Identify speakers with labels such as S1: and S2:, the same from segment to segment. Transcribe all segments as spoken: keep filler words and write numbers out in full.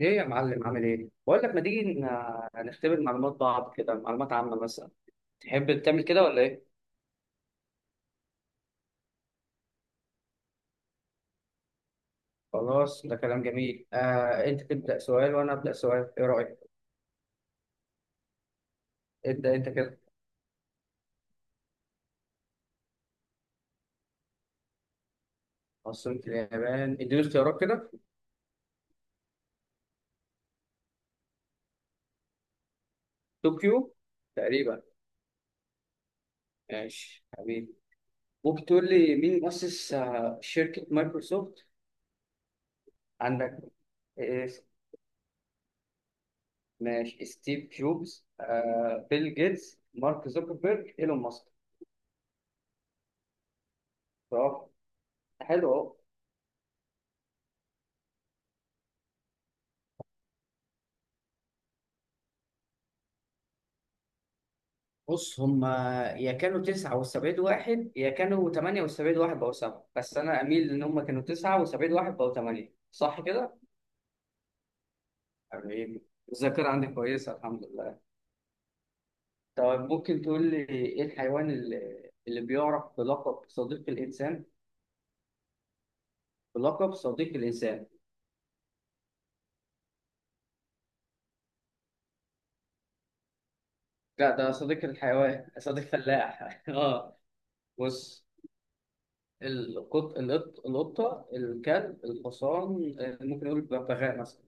S1: ايه يا معلم، عامل ايه؟ بقول لك، ما تيجي ن- نختبر معلومات بعض كده، معلومات عامة مثلا. تحب تعمل كده ولا ايه؟ خلاص، ده كلام جميل. آه انت تبدأ سؤال وانا أبدأ سؤال، ايه رأيك؟ ابدأ انت كده. عاصمة اليابان؟ اديني اختيارات كده. طوكيو. تقريبا. ماشي حبيبي. ممكن تقول لي مين مؤسس آه، شركة مايكروسوفت؟ عندك. إيه؟ ماشي، ستيف جوبز، آه بيل جيتس، مارك زوكربيرج، ايلون ماسك. طب. حلو اهو. بص، هما يا كانوا تسعة وسبعين واحد، يا كانوا تمانية وسبعين واحد بقوا سبعة، بس أنا أميل إن هما كانوا تسعة وسبعين واحد بقوا تمانية، صح كده؟ حبيبي. الذاكرة عندي كويسة الحمد لله. طب ممكن تقول لي إيه الحيوان اللي, اللي بيعرف بلقب صديق الإنسان؟ بلقب صديق الإنسان. لا، ده صديق الحيوان، صديق فلاح آه. بص، القط القط القطة، الكلب، الحصان، آه، ممكن نقول الببغاء مثلا.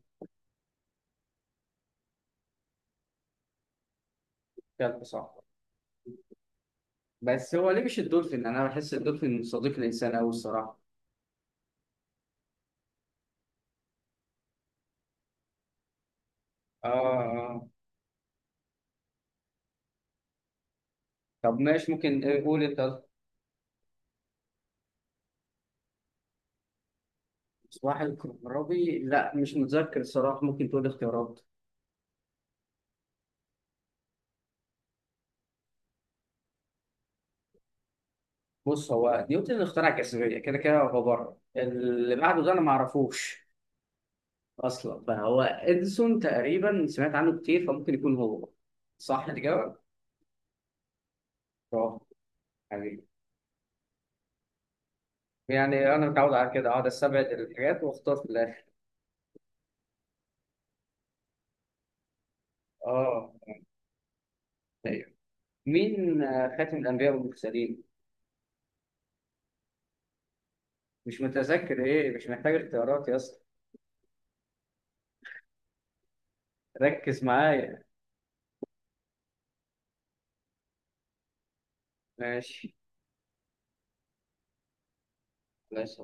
S1: كلب، صح. بس هو ليه مش الدولفين؟ انا بحس الدولفين صديق الانسان قوي الصراحه. اه، اه. طب ماشي، ممكن آه، قول انت. صباح الكهربي؟ لا مش متذكر الصراحه، ممكن تقول اختيارات. بص، هو نيوتن اخترع الجاذبيه كده كده، هو بره. اللي بعده ده انا ما اعرفوش اصلا، فهو اديسون تقريبا سمعت عنه كتير، فممكن يكون هو صح الاجابه. اه. حبيبي، يعني انا متعود على كده، اقعد استبعد الحاجات واختار في الاخر. اه. ايوه. مين آه، خاتم الانبياء والمرسلين؟ مش متذكر ايه؟ مش محتاج اختيارات يا اسطى، ركز معايا. ماشي، ماشي.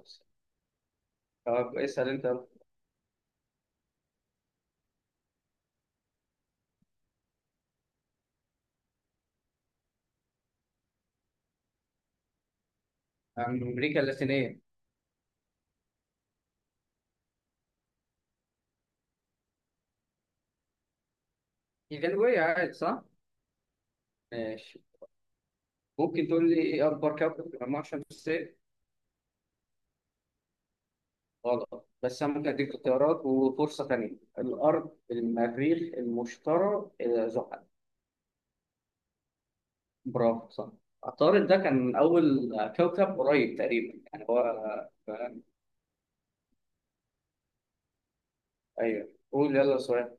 S1: طب اسأل انت يلا. عن امريكا اللاتينية. دي جنوبية عادي، صح؟ ماشي. ممكن تقول لي ايه اكبر كوكب في المجموعة الشمسية؟ غلط، بس انا ممكن اديك اختيارات وفرصة تانية. الارض، المريخ، المشتري، آه، زحل. برافو، صح. عطارد ده كان اول كوكب قريب تقريبا يعني هو. آه، ايوه، قول يلا سؤال.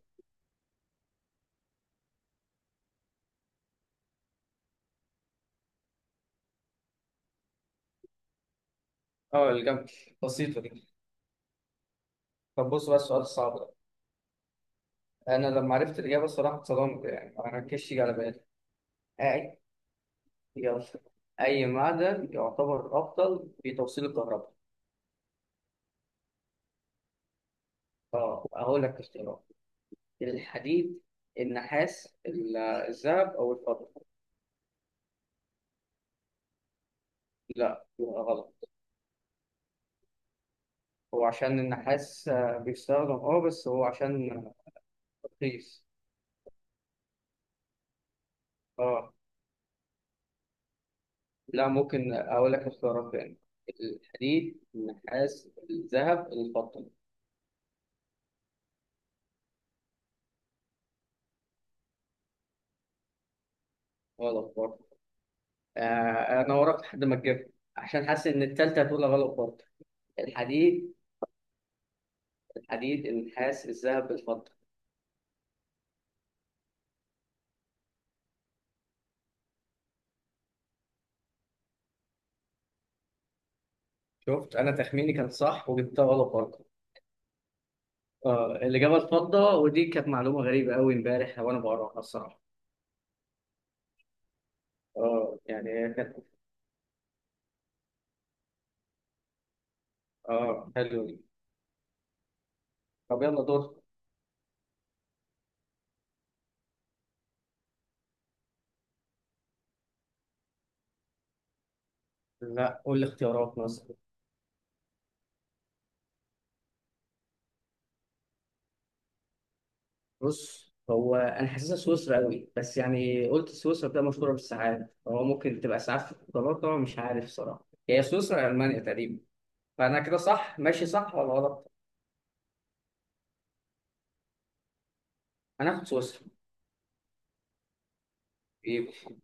S1: اه، الجنب، بسيطة دي. طب بص بقى السؤال الصعب ده، انا لما عرفت الاجابه الصراحه اتصدمت، يعني ما كانش يجي على بالي. اي. يلا. اي معدن يعتبر افضل في توصيل الكهرباء؟ اه، هقول لك اختيارات. الحديد، النحاس، ال- الذهب، او الفضه. لا، يبقى غلط. هو عشان النحاس آه، بيستخدم اه بس هو عشان رخيص. اه. لا ممكن اقول لك اختيارات تاني. الحديد، النحاس، الذهب، الفضه. غلط برضه. آه، انا وراك لحد ما تجيبها، عشان حاسس ان التالتة هتقول غلط برضه. الحديد. الحديد، النحاس، الذهب، الفضة. شفت؟ انا تخميني كان صح وجبتها غلط برضه. اه، الاجابة الفضة، ودي كانت معلومة غريبة قوي امبارح وانا بقراها الصراحة. اه، يعني هي كانت. اه حلو دي. طب يلا دور. لا قول لي اختيارات مثلا. بص هو انا حاسسها سويسرا قوي، بس يعني قلت سويسرا بتبقى مشهورة بالساعات، هو ممكن تبقى ساعات في القطارات، طبعا مش عارف صراحة. هي سويسرا يا المانيا تقريبا، فانا كده صح ماشي، صح ولا غلط؟ هناخد سويسرا. يبقى.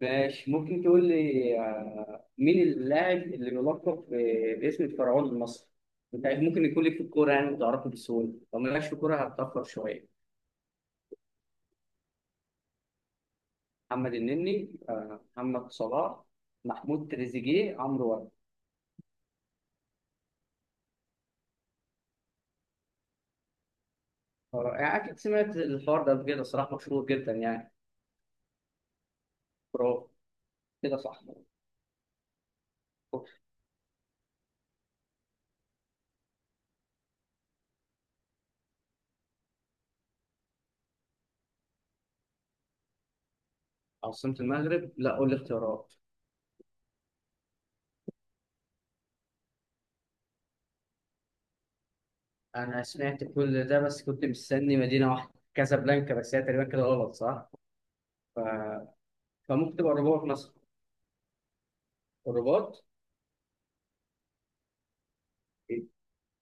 S1: ماشي. ممكن تقول لي آه، مين اللاعب اللي بيلقب ب- باسم الفرعون المصري؟ انت ممكن يكون لك في الكوره يعني بتعرفه بسهوله، لو مالكش في الكوره هتتاخر شويه. محمد النني، آه، محمد صلاح، محمود تريزيجيه، عمرو واكد. آه، يعني اكيد سمعت الحوار ده قبل كده صراحه، مشهور جدا يعني. برافو، كده صح. عاصمة المغرب؟ لا قول لي اختيارات. انا سمعت كل ده بس كنت مستني مدينه واحده كازابلانكا، بس هي تقريبا كده غلط، صح؟ فممكن تبقى الرباط مثلا. الرباط.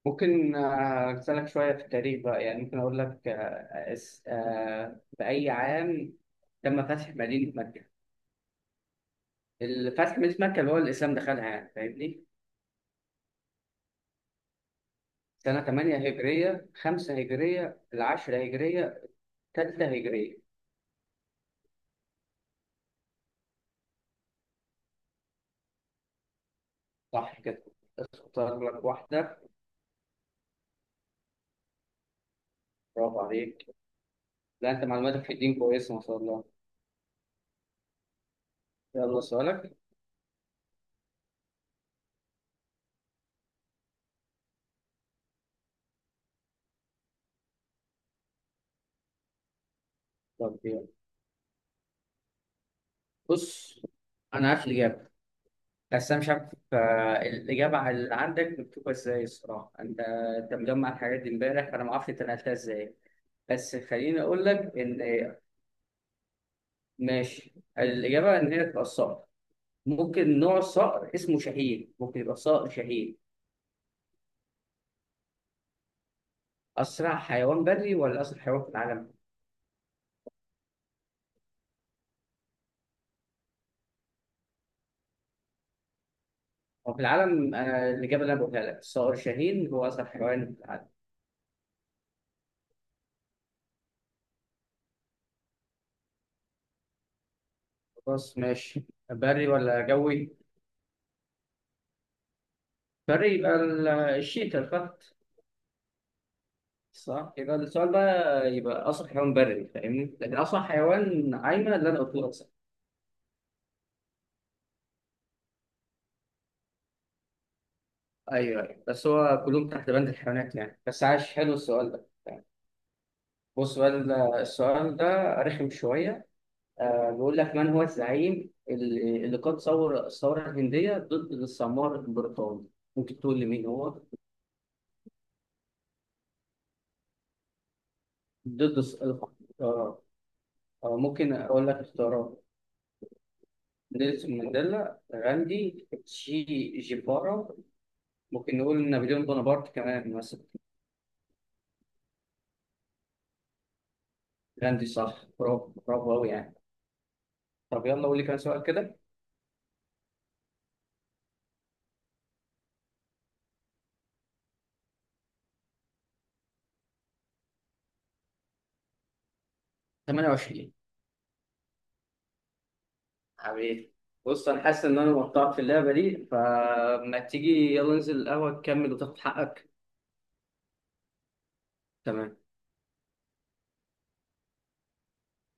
S1: ممكن آه، اسالك شويه في التاريخ بقى، يعني ممكن اقول لك آه، أس- آه، باي عام تم فتح مدينه مكه؟ الفتح مدينه مكه اللي هو الاسلام دخلها، يعني فاهمني. سنه تمانية هجريه، خمسة هجريه، عشرة هجريه، تلاتة هجريه. صح كده، اختار لك واحده. برافو عليك. لا، انت معلوماتك في الدين كويسه ما شاء الله. يلا سؤالك. طب يلا. بص، انا عارف الاجابه، بس انا مش عارف آه، الاجابه على اللي عندك مكتوبه ازاي الصراحه. انت انت مجمع الحاجات دي امبارح، فانا ما اعرفش انت نقلتها ازاي، بس خليني اقول لك ان ماشي. الاجابه ان هي تبقى الصقر، ممكن نوع الصقر اسمه شاهين، ممكن يبقى صقر شاهين. اسرع حيوان بري ولا اسرع حيوان في العالم؟ هو في العالم. انا الاجابه اللي انا بقولها لك الصقر شاهين هو اسرع حيوان في العالم. خلاص ماشي. بري ولا جوي؟ بري يبقى ال- الشيتا، الفهد. صح. يبقى السؤال بقى، يبقى اصح حيوان بري، فاهمني، لكن اصح حيوان عايمه اللي انا قلته لك صح. ايوه، ايوه، بس هو كلهم تحت بند الحيوانات يعني، بس عاش، حلو السؤال ده. بص بقى ال- السؤال ده رخم شويه. آه، بيقول لك من هو الزعيم اللي اللي قاد ثور الثوره الهنديه ضد السمار البريطاني؟ ممكن تقول لي مين هو؟ ضد الس- آه آه ممكن اقول لك اختيارات. نيلسون مانديلا، غاندي، تشي جيبارا، ممكن نقول نابليون بونابرت كمان مثلا. جراندي صح، برافو، برافو قوي يعني. طب يلا قول لي كام سؤال كده. تمانية وعشرين. حبيبي. بص انا حاسس ان انا مقطعك في اللعبه دي، فما تيجي يلا ننزل القهوه تكمل وتاخد حقك. تمام.